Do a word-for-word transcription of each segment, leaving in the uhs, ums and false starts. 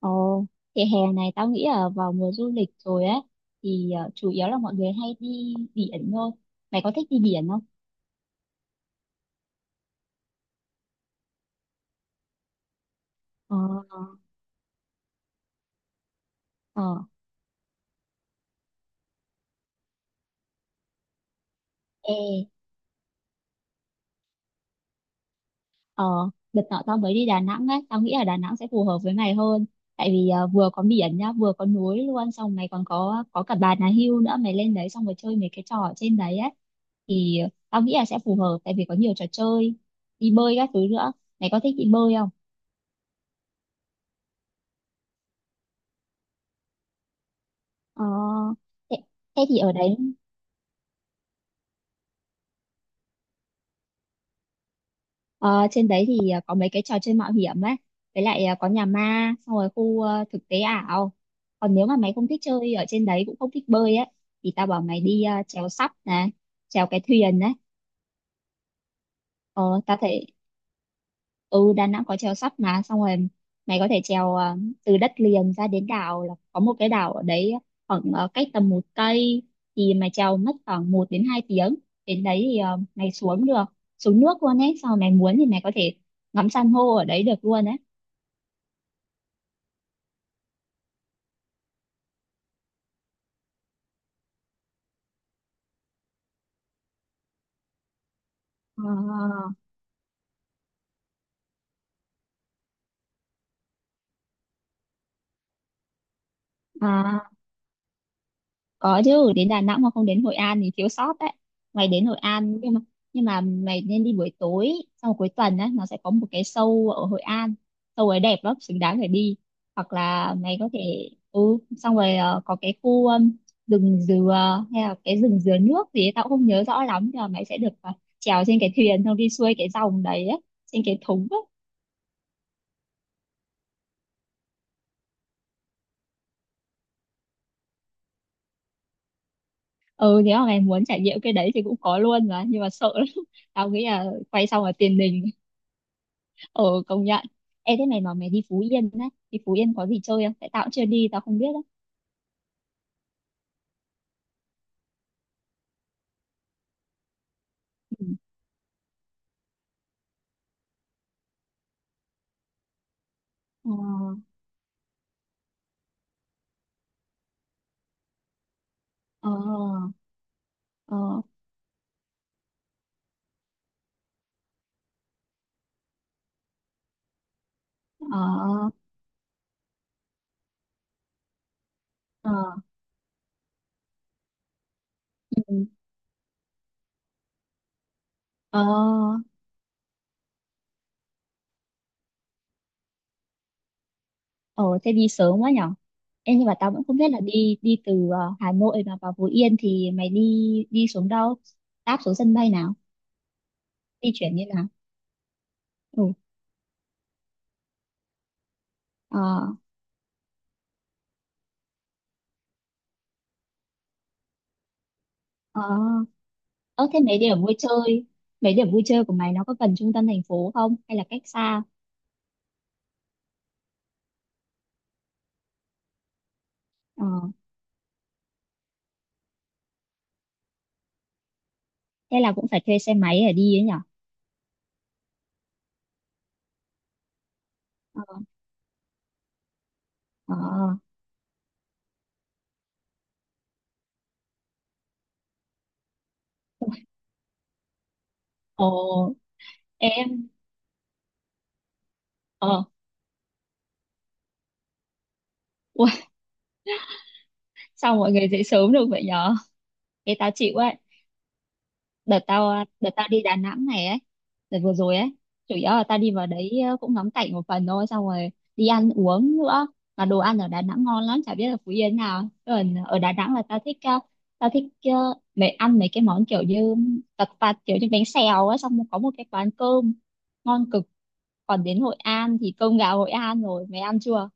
Ồ, thì hè này tao nghĩ là vào mùa du lịch rồi ấy thì ờ, chủ yếu là mọi người hay đi biển thôi. Mày có thích đi biển không? Ờ. Ờ. Ê. Ờ. Đợt nọ tao mới đi Đà Nẵng ấy, tao nghĩ là Đà Nẵng sẽ phù hợp với mày hơn. Tại vì ờ, vừa có biển nhá, vừa có núi luôn, xong mày còn có có cả Bà Nà Hưu nữa, mày lên đấy xong rồi chơi mấy cái trò ở trên đấy ấy thì tao nghĩ là sẽ phù hợp tại vì có nhiều trò chơi, đi bơi các thứ nữa. Mày có thích đi bơi không? Ờ. thế thế thì ở đấy. Ờ, trên đấy thì ờ, có mấy cái trò chơi mạo hiểm ấy, với lại ờ, có nhà ma, xong rồi khu ờ, thực tế ảo. Còn nếu mà mày không thích chơi ở trên đấy, cũng không thích bơi ấy, thì tao bảo mày đi ờ, chèo sắp này, chèo cái thuyền đấy. ờ, tao thể. ừ Đà Nẵng có chèo sắp mà, xong rồi mày có thể chèo ờ, từ đất liền ra đến đảo, là có một cái đảo ở đấy, khoảng ờ, cách tầm một cây, thì mày chèo mất khoảng một đến hai tiếng. Đến đấy thì ờ, mày xuống được, xuống nước luôn ấy, xong rồi mày muốn thì mày có thể ngắm san hô ở đấy được luôn ấy. À, à, có chứ, đến Đà Nẵng mà không đến Hội An thì thiếu sót đấy. Mày đến Hội An, nhưng mà nhưng mà mày nên đi buổi tối, sau một cuối tuần á nó sẽ có một cái show ở Hội An. Show ấy đẹp lắm, xứng đáng phải đi. Hoặc là mày có thể ừ xong rồi ờ, có cái khu um, rừng dừa, hay là cái rừng dừa nước gì ấy, tao cũng không nhớ rõ lắm. Nhưng mà mày sẽ được ờ, trèo trên cái thuyền, xong đi xuôi cái dòng đấy á, trên cái thúng á. ừ Nếu mà mày muốn trải nghiệm cái đấy thì cũng có luôn mà, nhưng mà sợ lắm. Tao nghĩ là quay xong là tiền đình. Ờ, công nhận. Ê, thế này mà mày đi Phú Yên đấy, đi Phú Yên có gì chơi không? Tại tao cũng chưa đi, tao không biết đấy. Ừ. Ờ, ờ, ờ, ờ, ờ, ừ, ờ, ờ. Thế đi sớm quá nhở? Em, nhưng mà tao vẫn không biết là đi đi từ ờ, Hà Nội mà vào Phú Yên thì mày đi đi xuống đâu? Đáp xuống sân bay nào? Di chuyển như nào? Ừ. Ờ, ờ, ờ. Thế mấy điểm vui chơi, mấy điểm vui chơi của mày nó có gần trung tâm thành phố không? Hay là cách xa? Ờ, thế là cũng phải thuê xe máy để đi ấy nhỉ? Ờ. Ờ. Ồ. Em. ờ, Ui, sao mọi người dậy sớm được vậy nhở? Cái tao chịu ấy. Đợt tao, đợt tao đi Đà Nẵng này ấy, đợt vừa rồi ấy, chủ yếu là tao đi vào đấy ờ, cũng ngắm cảnh một phần thôi, xong rồi đi ăn uống nữa. Mà đồ ăn ở Đà Nẵng ngon lắm, chả biết là Phú Yên nào. Còn ở Đà Nẵng là tao thích, ờ, tao thích ờ, mấy ăn mấy cái món kiểu như tật tật, kiểu như bánh xèo á, xong có một cái quán cơm ngon cực. Còn đến Hội An thì cơm gà Hội An rồi, mày ăn chưa?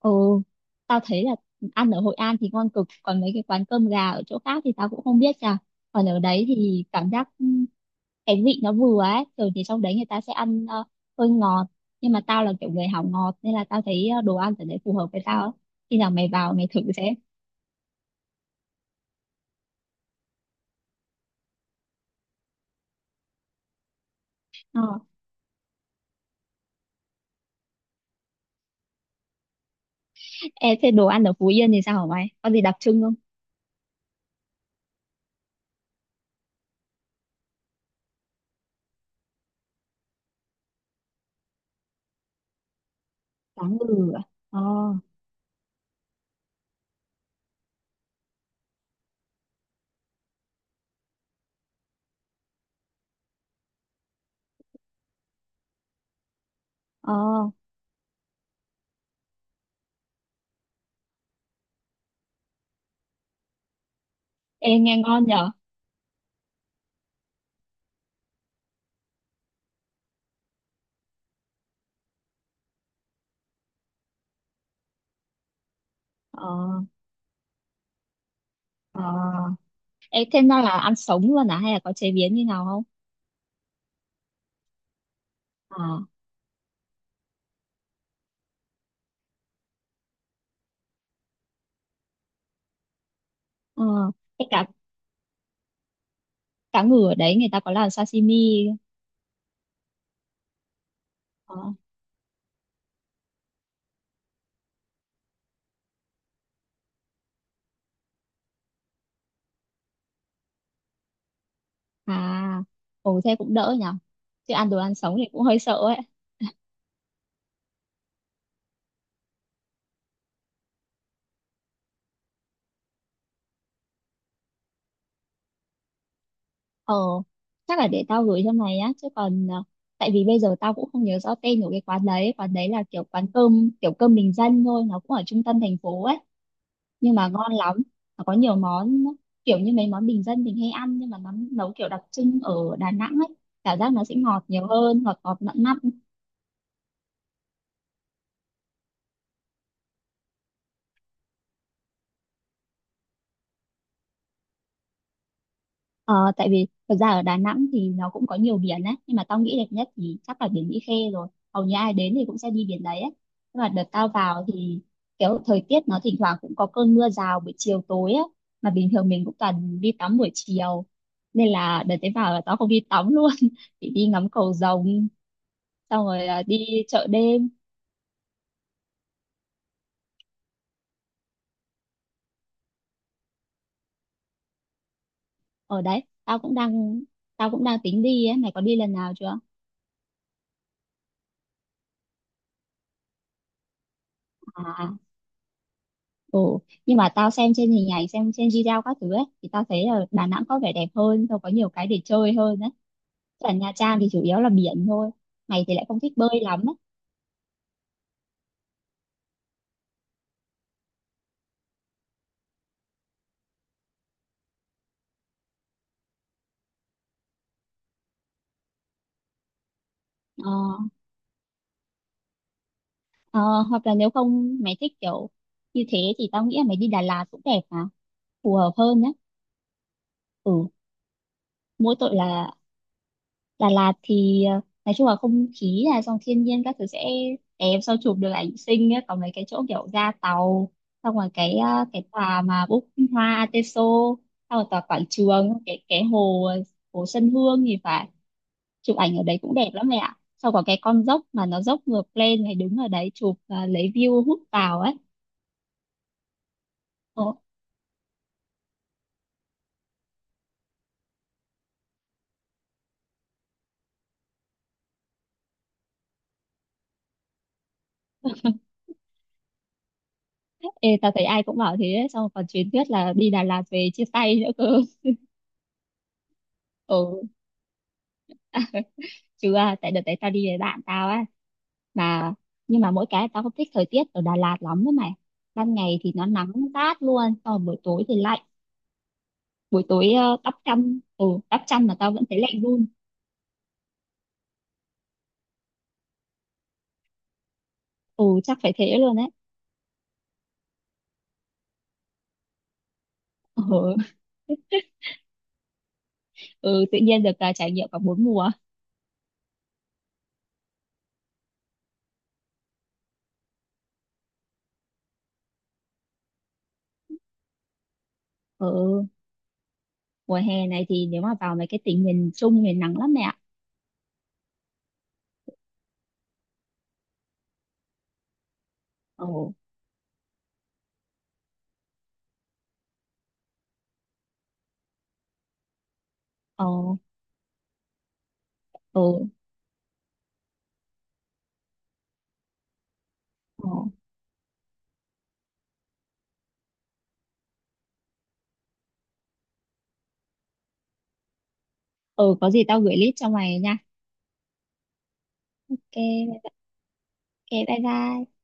Ừ, tao thấy là ăn ở Hội An thì ngon cực, còn mấy cái quán cơm gà ở chỗ khác thì tao cũng không biết nha. Còn ở đấy thì cảm giác ừ, cái vị nó vừa ấy, thường thì trong đấy người ta sẽ ăn ờ, hơi ngọt, nhưng mà tao là kiểu người hảo ngọt nên là tao thấy ờ, đồ ăn ở đấy phù hợp với tao ấy. Khi nào mày vào mày thử xem. Ờ. Ê, thế đồ ăn ở Phú Yên thì sao hả mày? Có gì đặc trưng không? Cá ngừ à? Ờ, ờ. Ê, nghe ngon nhở? Ờ, ờ. Ê, thế nó là ăn sống luôn à, hay là có chế biến như nào không? Ờ, cái cá cá ngừ ở đấy người ta có làm sashimi ờ, à, ồ, thế cũng đỡ nhở, chứ ăn đồ ăn sống thì cũng hơi sợ ấy. ờ Chắc là để tao gửi cho mày á, chứ còn ờ, tại vì bây giờ tao cũng không nhớ rõ tên của cái quán đấy. Quán đấy là kiểu quán cơm, kiểu cơm bình dân thôi, nó cũng ở trung tâm thành phố ấy, nhưng mà ngon lắm. Nó có nhiều món kiểu như mấy món bình dân mình hay ăn, nhưng mà nó nấu kiểu đặc trưng ở Đà Nẵng ấy. Cảm giác nó sẽ ngọt nhiều hơn, ngọt ngọt mặn mặn. Ờ, tại vì thật ra ở Đà Nẵng thì nó cũng có nhiều biển đấy, nhưng mà tao nghĩ đẹp nhất thì chắc là biển Mỹ Khê rồi. Hầu như ai đến thì cũng sẽ đi biển đấy ấy. Nhưng mà đợt tao vào thì kiểu thời tiết nó thỉnh thoảng cũng có cơn mưa rào buổi chiều tối á. Mà bình thường mình cũng toàn đi tắm buổi chiều, nên là đợt đấy vào là tao không đi tắm luôn chỉ đi ngắm cầu rồng, xong rồi à, đi chợ đêm. Ở đấy tao cũng đang tao cũng đang tính đi ấy. Mày có đi lần nào chưa à? Ừ. Nhưng mà tao xem trên hình ảnh, xem trên video các thứ ấy, thì tao thấy là Đà Nẵng có vẻ đẹp hơn rồi, có nhiều cái để chơi hơn đấy. Còn Nha Trang thì chủ yếu là biển thôi, mày thì lại không thích bơi lắm ấy. ờ, ờ, Hoặc là nếu không mày thích kiểu như thế, thì tao nghĩ là mày đi Đà Lạt cũng đẹp mà, phù hợp hơn nhá. ừ Mỗi tội là Đà Lạt thì ờ, nói chung là không khí là dòng thiên nhiên các thứ sẽ đẹp, sau chụp được ảnh xinh ấy. Còn mấy cái chỗ kiểu ra tàu, xong rồi cái ờ, cái tòa mà Búp Hoa Ateso, xong rồi tòa quảng trường, cái cái hồ hồ sân Hương thì phải, chụp ảnh ở đấy cũng đẹp lắm mẹ ạ. Sau có cái con dốc mà nó dốc ngược lên thì đứng ở đấy chụp ờ, lấy view hút vào ấy. Ồ, ê, tao thấy ai cũng bảo thế ấy, xong còn truyền thuyết là đi Đà Lạt về chia tay nữa cơ. Ừ, chứ à, tại đợt đấy tao đi với bạn tao á mà. Nhưng mà mỗi cái tao không thích thời tiết ở Đà Lạt lắm đó mày. Ban ngày thì nó nắng rát luôn, xong rồi buổi tối thì lạnh. Buổi tối ờ, đắp chăn ừ đắp chăn mà tao vẫn thấy lạnh run. Ừ, chắc phải thế luôn đấy. Ừ. Ừ, tự nhiên được ờ, trải nghiệm cả bốn mùa. Ừ, mùa hè này thì nếu mà vào mấy cái tỉnh miền Trung miền nắng lắm mẹ ạ. Ừ, ừ, ừ, ừ, ừ, có gì tao gửi list cho mày nha. Ok, ok, bye bye.